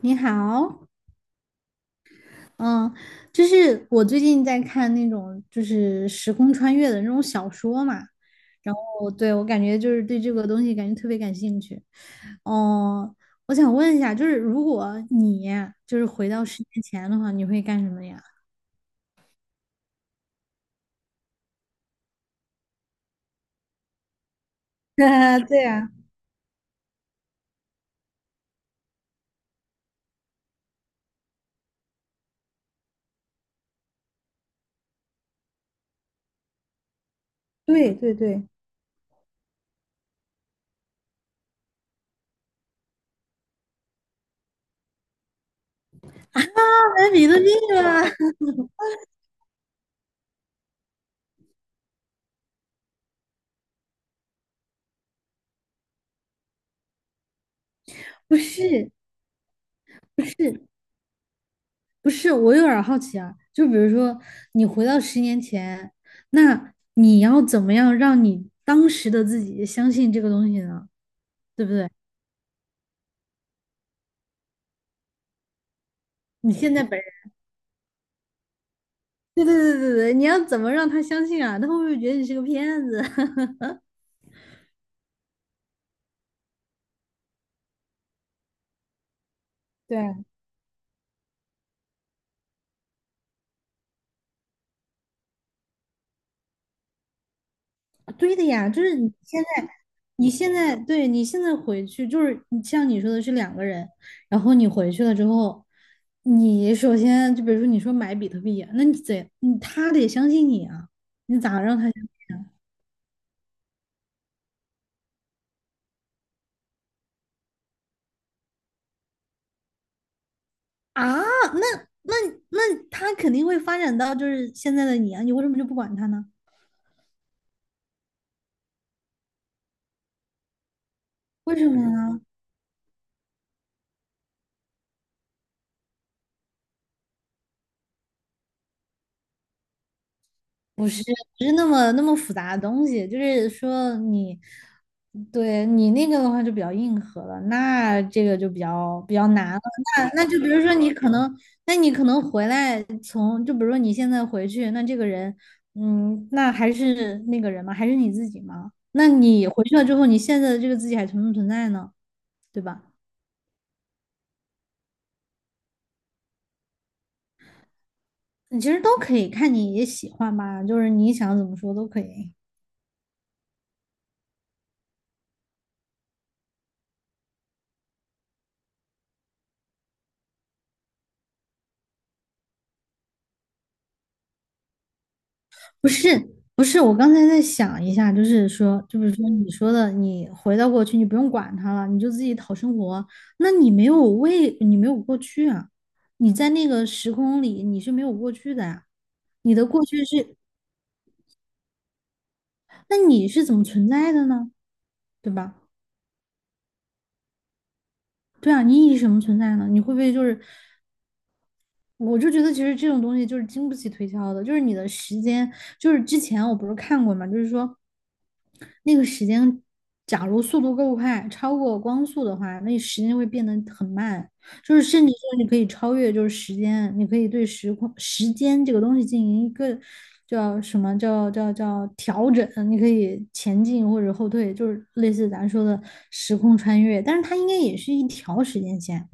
你好，嗯，就是我最近在看那种就是时空穿越的那种小说嘛，然后对我感觉就是对这个东西感觉特别感兴趣。哦，我想问一下，就是如果你就是回到十年前的话，你会干什么呀？啊，对啊，对对对，当然比特币得 不是，不是，不是，我有点儿好奇啊，就比如说你回到十年前，那你要怎么样让你当时的自己相信这个东西呢？对不对？你现在本人，对对对对对，你要怎么让他相信啊？他会不会觉得你是个骗子？对啊对的呀，就是你现在，你现在，对，你现在回去，就是你像你说的是两个人，然后你回去了之后，你首先就比如说你说买比特币啊那你得，你他得相信你啊，你咋让他？啊，那那那他肯定会发展到就是现在的你啊，你为什么就不管他呢？为什么呢？不是不是那么那么复杂的东西，就是说你对你那个的话就比较硬核了，那这个就比较比较难了。那就比如说你可能，那你可能回来从就比如说你现在回去，那这个人，嗯，那还是那个人吗？还是你自己吗？那你回去了之后，你现在的这个自己还存不存在呢？对吧？你其实都可以看你也喜欢吧，就是你想怎么说都可以。不是不是，我刚才在想一下，就是说，就是说你说的，你回到过去，你不用管他了，你就自己讨生活。那你没有为，你没有过去啊，你在那个时空里你是没有过去的呀、你的过去是，那你是怎么存在的呢？对吧？对啊，你以什么存在呢？你会不会就是我就觉得其实这种东西就是经不起推敲的，就是你的时间，就是之前我不是看过嘛，就是说那个时间，假如速度够快，超过光速的话，那时间会变得很慢，就是甚至说你可以超越就是时间，你可以对时空时间这个东西进行一个叫什么叫调整，你可以前进或者后退，就是类似咱说的时空穿越，但是它应该也是一条时间线。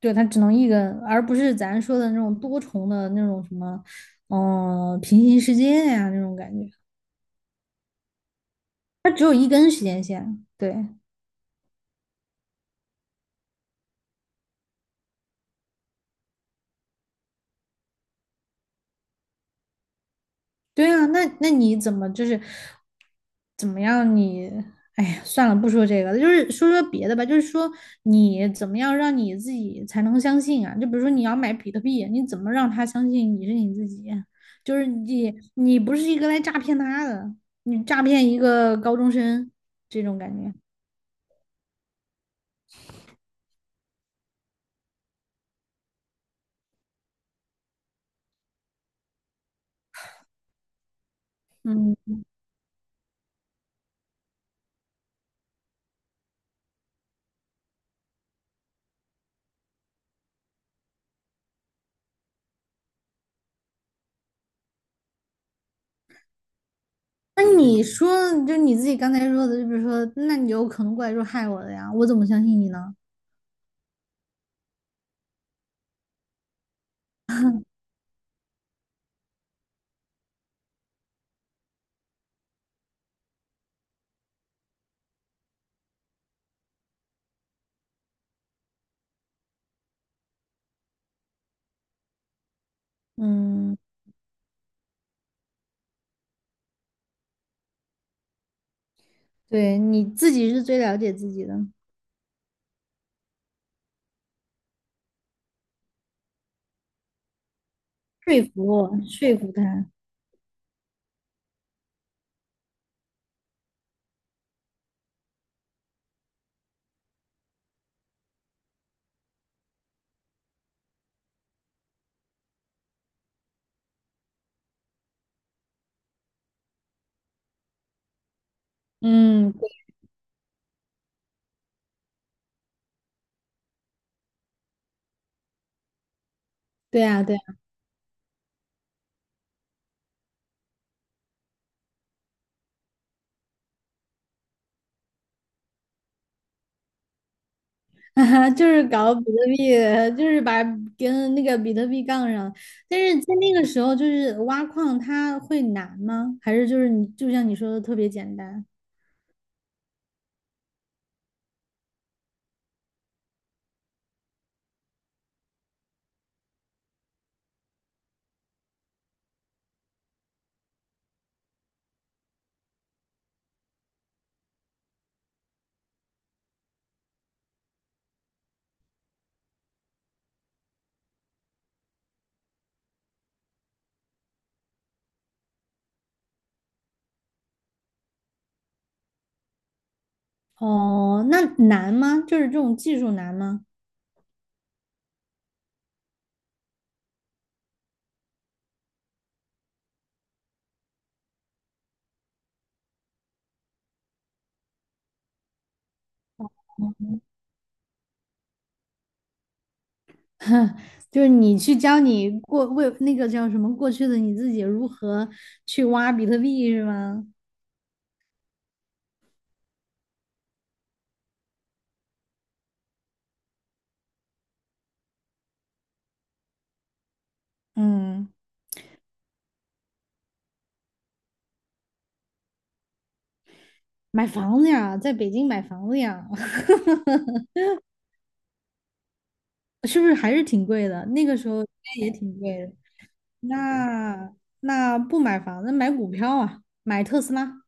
对，它只能一根，而不是咱说的那种多重的那种什么，嗯、平行世界呀、那种感觉，它只有一根时间线。对，对啊，那你怎么就是怎么样你？哎呀，算了，不说这个了，就是说说别的吧。就是说你怎么样让你自己才能相信啊？就比如说你要买比特币，你怎么让他相信你是你自己？就是你你不是一个来诈骗他的，你诈骗一个高中生这种感觉。嗯。那你说，就你自己刚才说的，就比如说，那你有可能过来说害我的呀，我怎么相信你呢？嗯，对，你自己是最了解自己的，说服我，说服他。嗯，对对啊，对啊，就是搞比特币，就是把跟那个比特币杠上。但是在那个时候，就是挖矿它会难吗？还是就是你就像你说的特别简单？哦，那难吗？就是这种技术难吗？就是你去教你过为那个叫什么过去的你自己如何去挖比特币是吗？嗯，买房子呀，在北京买房子呀，是不是还是挺贵的？那个时候应该也挺贵的。那那不买房子，买股票啊，买特斯拉。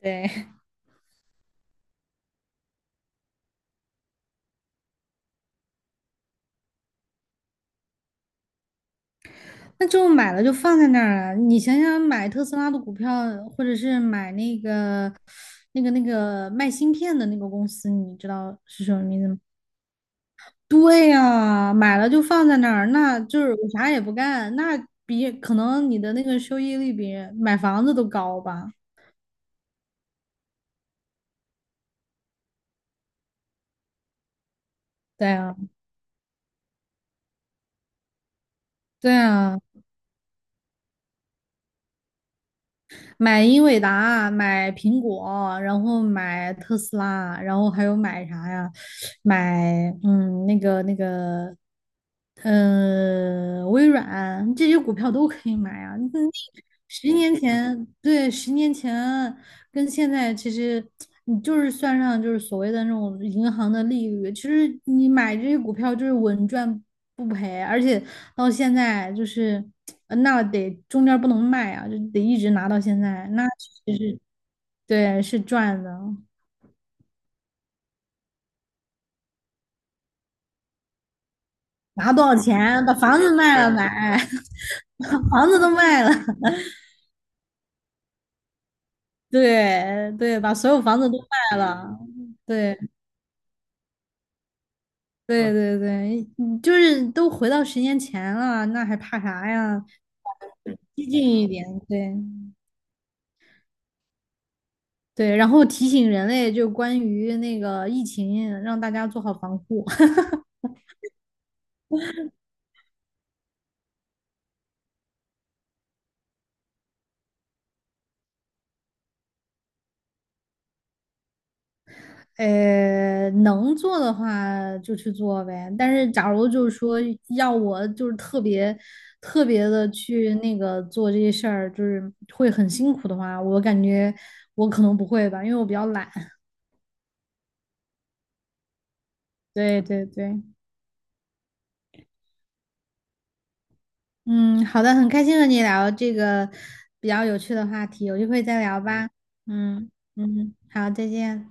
对，那就买了就放在那儿了。你想想，买特斯拉的股票，或者是买那个那个卖芯片的那个公司，你知道是什么名字吗？对呀，买了就放在那儿，那就是我啥也不干，那比可能你的那个收益率比买房子都高吧？对啊，对啊，买英伟达，买苹果，然后买特斯拉，然后还有买啥呀？买嗯，那个那个，微软这些股票都可以买啊。那十年前，对，十年前。跟现在其实你就是算上就是所谓的那种银行的利率，其实你买这些股票就是稳赚不赔，而且到现在就是那得中间不能卖啊，就得一直拿到现在，那其实是对是赚的，拿多少钱把房子卖了买，把房子都卖了，对对，把所有房子都卖了。对对对对，你就是都回到十年前了，那还怕啥呀？激进一点，对对，然后提醒人类就关于那个疫情，让大家做好防护。能做的话就去做呗。但是，假如就是说要我就是特别特别的去那个做这些事儿，就是会很辛苦的话，我感觉我可能不会吧，因为我比较懒。对对对，嗯，好的，很开心和你聊这个比较有趣的话题，有机会再聊吧。嗯嗯，好，再见。